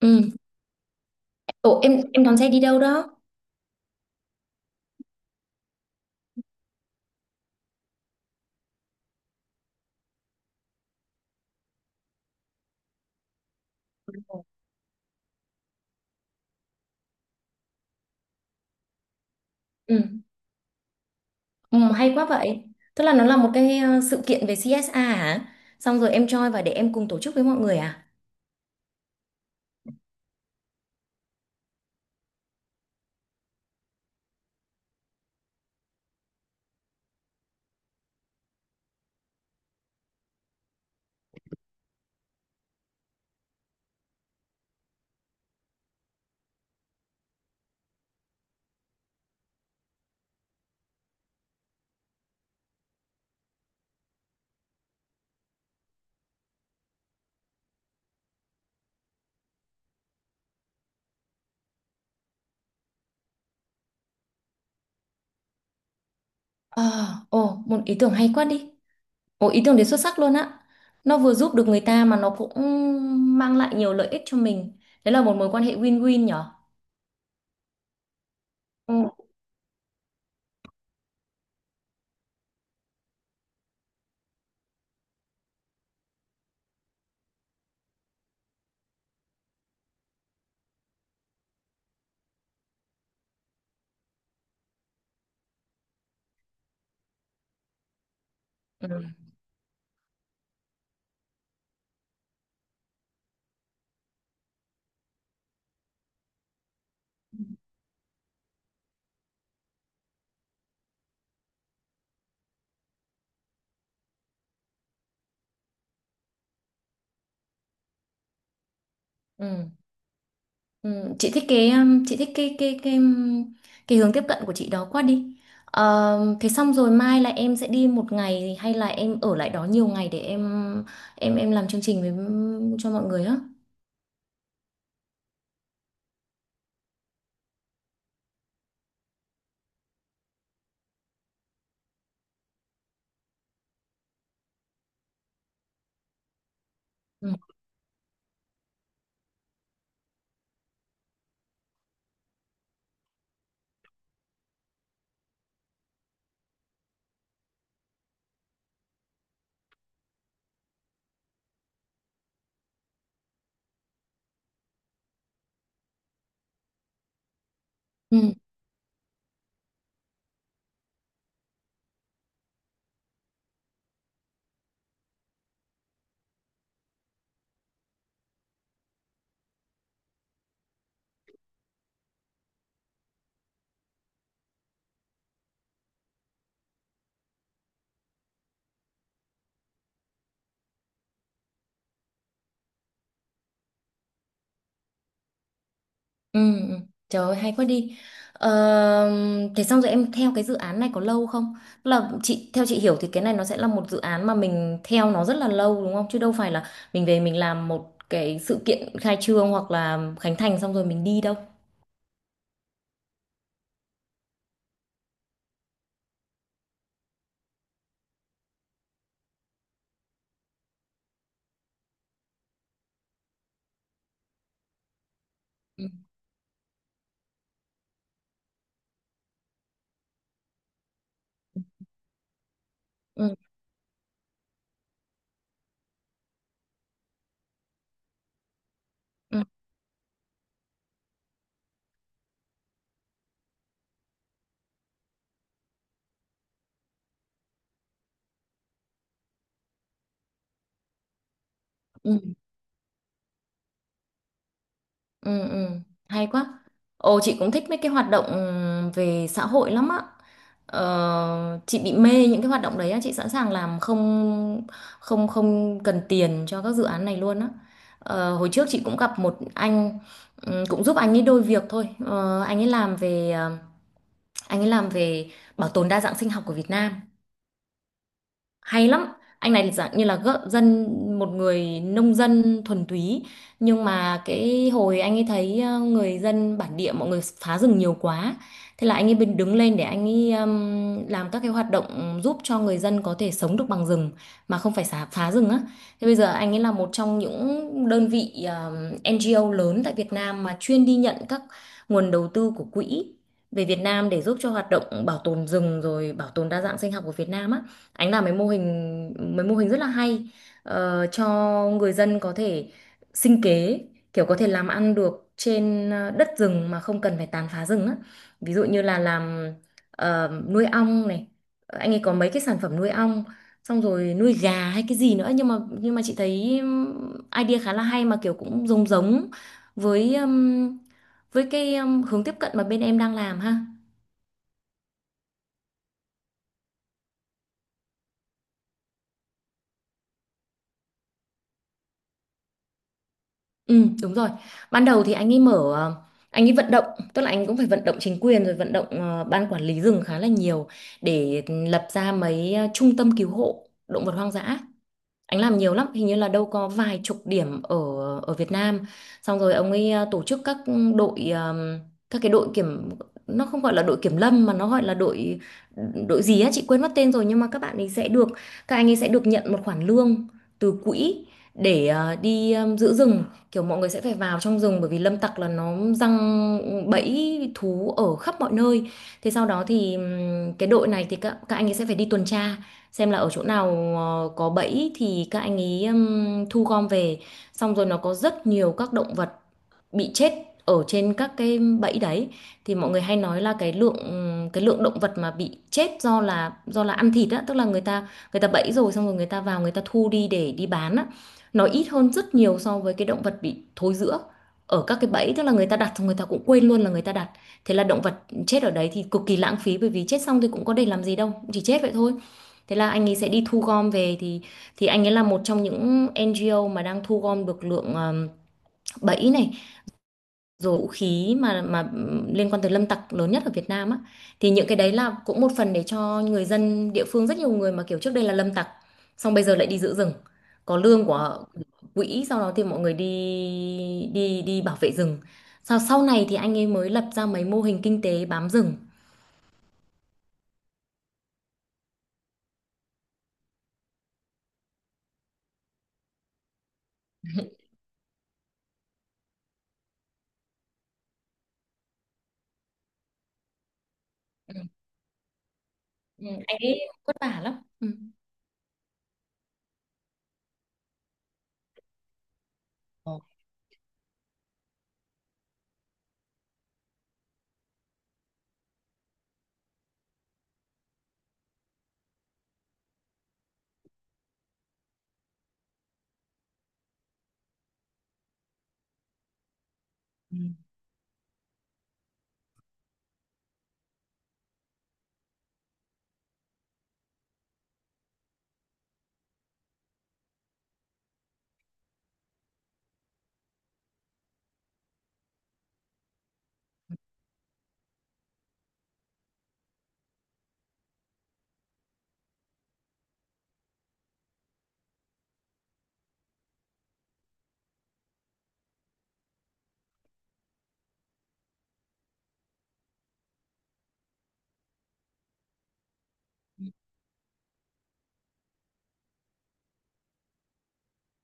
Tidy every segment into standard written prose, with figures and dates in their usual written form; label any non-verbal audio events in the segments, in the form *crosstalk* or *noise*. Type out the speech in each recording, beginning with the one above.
Ừ. Ủa em đón xe đi đâu đó? Ừ. Ừ, hay quá vậy. Tức là nó là một cái sự kiện về CSA hả? Xong rồi em join và để em cùng tổ chức với mọi người à? Ờ, ồ, một ý tưởng hay quá đi. Ồ, ý tưởng đấy xuất sắc luôn á. Nó vừa giúp được người ta mà nó cũng mang lại nhiều lợi ích cho mình. Đấy là một mối quan hệ win-win nhở? Ừ. Ừ. Ừ. Ừ, chị thích cái chị thích cái hướng tiếp cận của chị đó quá đi. Ờ, thế xong rồi mai là em sẽ đi một ngày hay là em ở lại đó nhiều ngày để em làm chương trình với cho mọi người á. Ừ. Ừ. Ừ. Ừ. Trời ơi, hay quá đi. Ờ, thế xong rồi em theo cái dự án này có lâu không? Tức là chị theo chị hiểu thì cái này nó sẽ là một dự án mà mình theo nó rất là lâu đúng không? Chứ đâu phải là mình về mình làm một cái sự kiện khai trương hoặc là khánh thành xong rồi mình đi đâu. Ừ. Ừ. ừ ừ ừ. Hay quá. Ồ, chị cũng thích mấy cái hoạt động về xã hội lắm á. Ờ, chị bị mê những cái hoạt động đấy á, chị sẵn sàng làm không, không cần tiền cho các dự án này luôn á. Ờ, hồi trước chị cũng gặp một anh, ừ, cũng giúp anh ấy đôi việc thôi. Anh ấy làm về bảo tồn đa dạng sinh học của Việt Nam, hay lắm. Anh này dạng như là gợ dân, một người nông dân thuần túy, nhưng mà cái hồi anh ấy thấy người dân bản địa mọi người phá rừng nhiều quá, thế là anh ấy bên đứng lên để anh ấy làm các cái hoạt động giúp cho người dân có thể sống được bằng rừng mà không phải xả phá rừng á. Thế bây giờ anh ấy là một trong những đơn vị NGO lớn tại Việt Nam mà chuyên đi nhận các nguồn đầu tư của quỹ về Việt Nam để giúp cho hoạt động bảo tồn rừng rồi bảo tồn đa dạng sinh học của Việt Nam á. Anh làm mấy mô hình rất là hay, ờ, cho người dân có thể sinh kế, kiểu có thể làm ăn được trên đất rừng mà không cần phải tàn phá rừng á. Ví dụ như là làm nuôi ong này, anh ấy có mấy cái sản phẩm nuôi ong, xong rồi nuôi gà hay cái gì nữa, nhưng mà chị thấy idea khá là hay mà kiểu cũng giống giống với ừm, với cái hướng tiếp cận mà bên em đang làm ha. Ừ, đúng rồi. Ban đầu thì anh ấy mở, anh ấy vận động, tức là anh cũng phải vận động chính quyền rồi vận động ban quản lý rừng khá là nhiều để lập ra mấy trung tâm cứu hộ động vật hoang dã. Anh làm nhiều lắm, hình như là đâu có vài chục điểm ở ở Việt Nam. Xong rồi ông ấy tổ chức các đội, các cái đội kiểm, nó không gọi là đội kiểm lâm mà nó gọi là đội đội gì á chị quên mất tên rồi, nhưng mà các bạn ấy sẽ được các anh ấy sẽ được nhận một khoản lương từ quỹ để đi giữ rừng. Kiểu mọi người sẽ phải vào trong rừng bởi vì lâm tặc là nó giăng bẫy thú ở khắp mọi nơi. Thế sau đó thì cái đội này thì các anh ấy sẽ phải đi tuần tra xem là ở chỗ nào có bẫy thì các anh ấy thu gom về, xong rồi nó có rất nhiều các động vật bị chết ở trên các cái bẫy đấy. Thì mọi người hay nói là cái lượng động vật mà bị chết do là ăn thịt á, tức là người ta bẫy rồi xong rồi người ta vào người ta thu đi để đi bán á, nó ít hơn rất nhiều so với cái động vật bị thối rữa ở các cái bẫy, tức là người ta đặt xong người ta cũng quên luôn là người ta đặt, thế là động vật chết ở đấy thì cực kỳ lãng phí, bởi vì chết xong thì cũng có để làm gì đâu, chỉ chết vậy thôi. Thế là anh ấy sẽ đi thu gom về thì anh ấy là một trong những NGO mà đang thu gom được lượng bẫy này rồi vũ khí mà liên quan tới lâm tặc lớn nhất ở Việt Nam á. Thì những cái đấy là cũng một phần để cho người dân địa phương rất nhiều người mà kiểu trước đây là lâm tặc xong bây giờ lại đi giữ rừng, có lương của quỹ, sau đó thì mọi người đi đi đi bảo vệ rừng. Sau sau này thì anh ấy mới lập ra mấy mô hình kinh tế bám rừng. Ừ. Ừ, anh ấy vất vả lắm. Ừ. Ờ, ừ.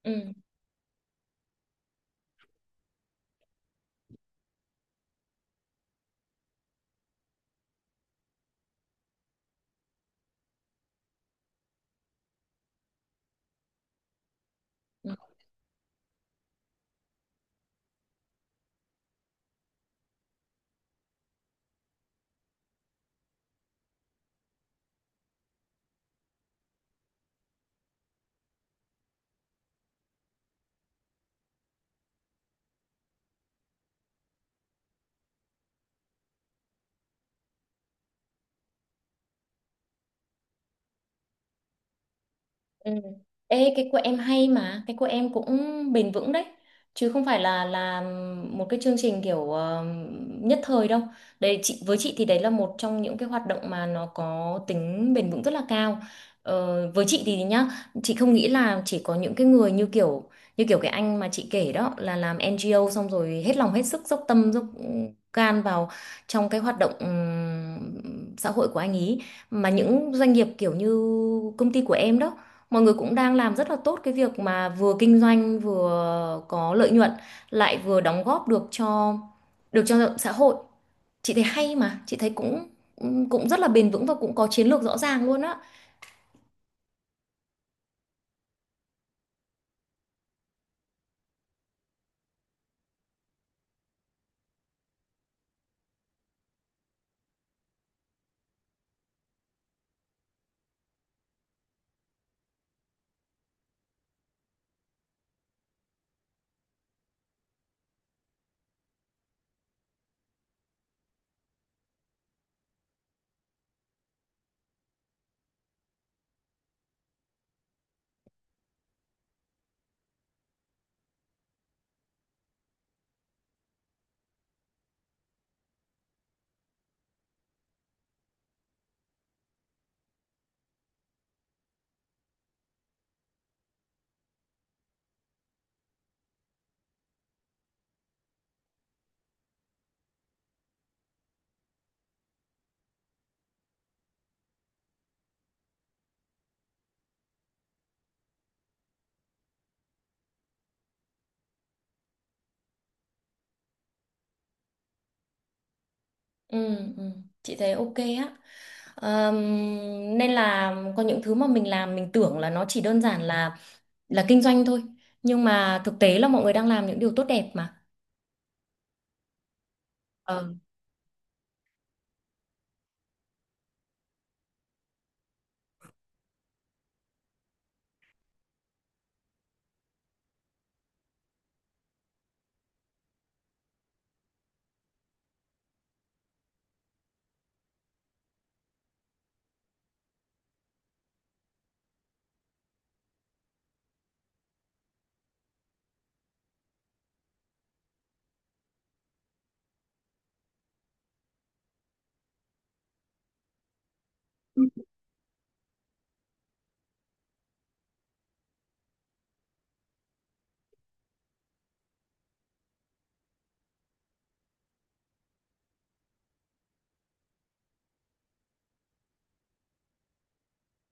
Ừ. Ừ. Ê, cái của em hay mà cái của em cũng bền vững đấy, chứ không phải là một cái chương trình kiểu nhất thời đâu. Đấy chị với chị thì đấy là một trong những cái hoạt động mà nó có tính bền vững rất là cao. Ờ, với chị thì nhá, chị không nghĩ là chỉ có những cái người như kiểu cái anh mà chị kể đó là làm NGO xong rồi hết lòng hết sức dốc tâm dốc can vào trong cái hoạt động xã hội của anh ý, mà những doanh nghiệp kiểu như công ty của em đó, mọi người cũng đang làm rất là tốt cái việc mà vừa kinh doanh vừa có lợi nhuận lại vừa đóng góp được được cho xã hội. Chị thấy hay mà chị thấy cũng cũng rất là bền vững và cũng có chiến lược rõ ràng luôn á. Ừ, ừ. Chị thấy ok á. Ờm, nên là có những thứ mà mình làm mình tưởng là nó chỉ đơn giản là kinh doanh thôi, nhưng mà thực tế là mọi người đang làm những điều tốt đẹp mà. Ờ.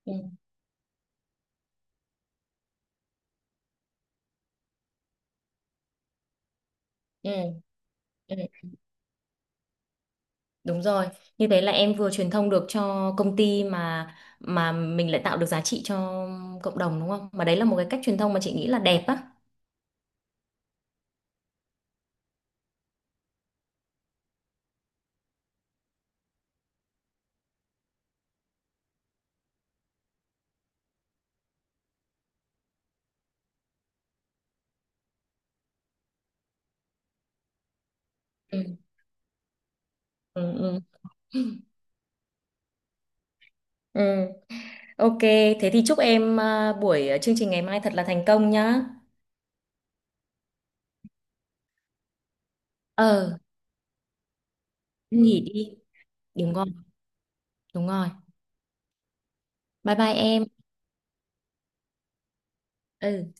Ừ, ừ, ừ. Đúng rồi, như thế là em vừa truyền thông được cho công ty mà mình lại tạo được giá trị cho cộng đồng đúng không? Mà đấy là một cái cách truyền thông mà chị nghĩ là đẹp á. Ừ. Ừ, ừ. Ừ, *laughs* ok, thế thì chúc em buổi chương trình ngày mai thật là thành công nhá. Ờ, nghỉ đi. Đúng rồi, đúng rồi. Bye bye em. Ừ.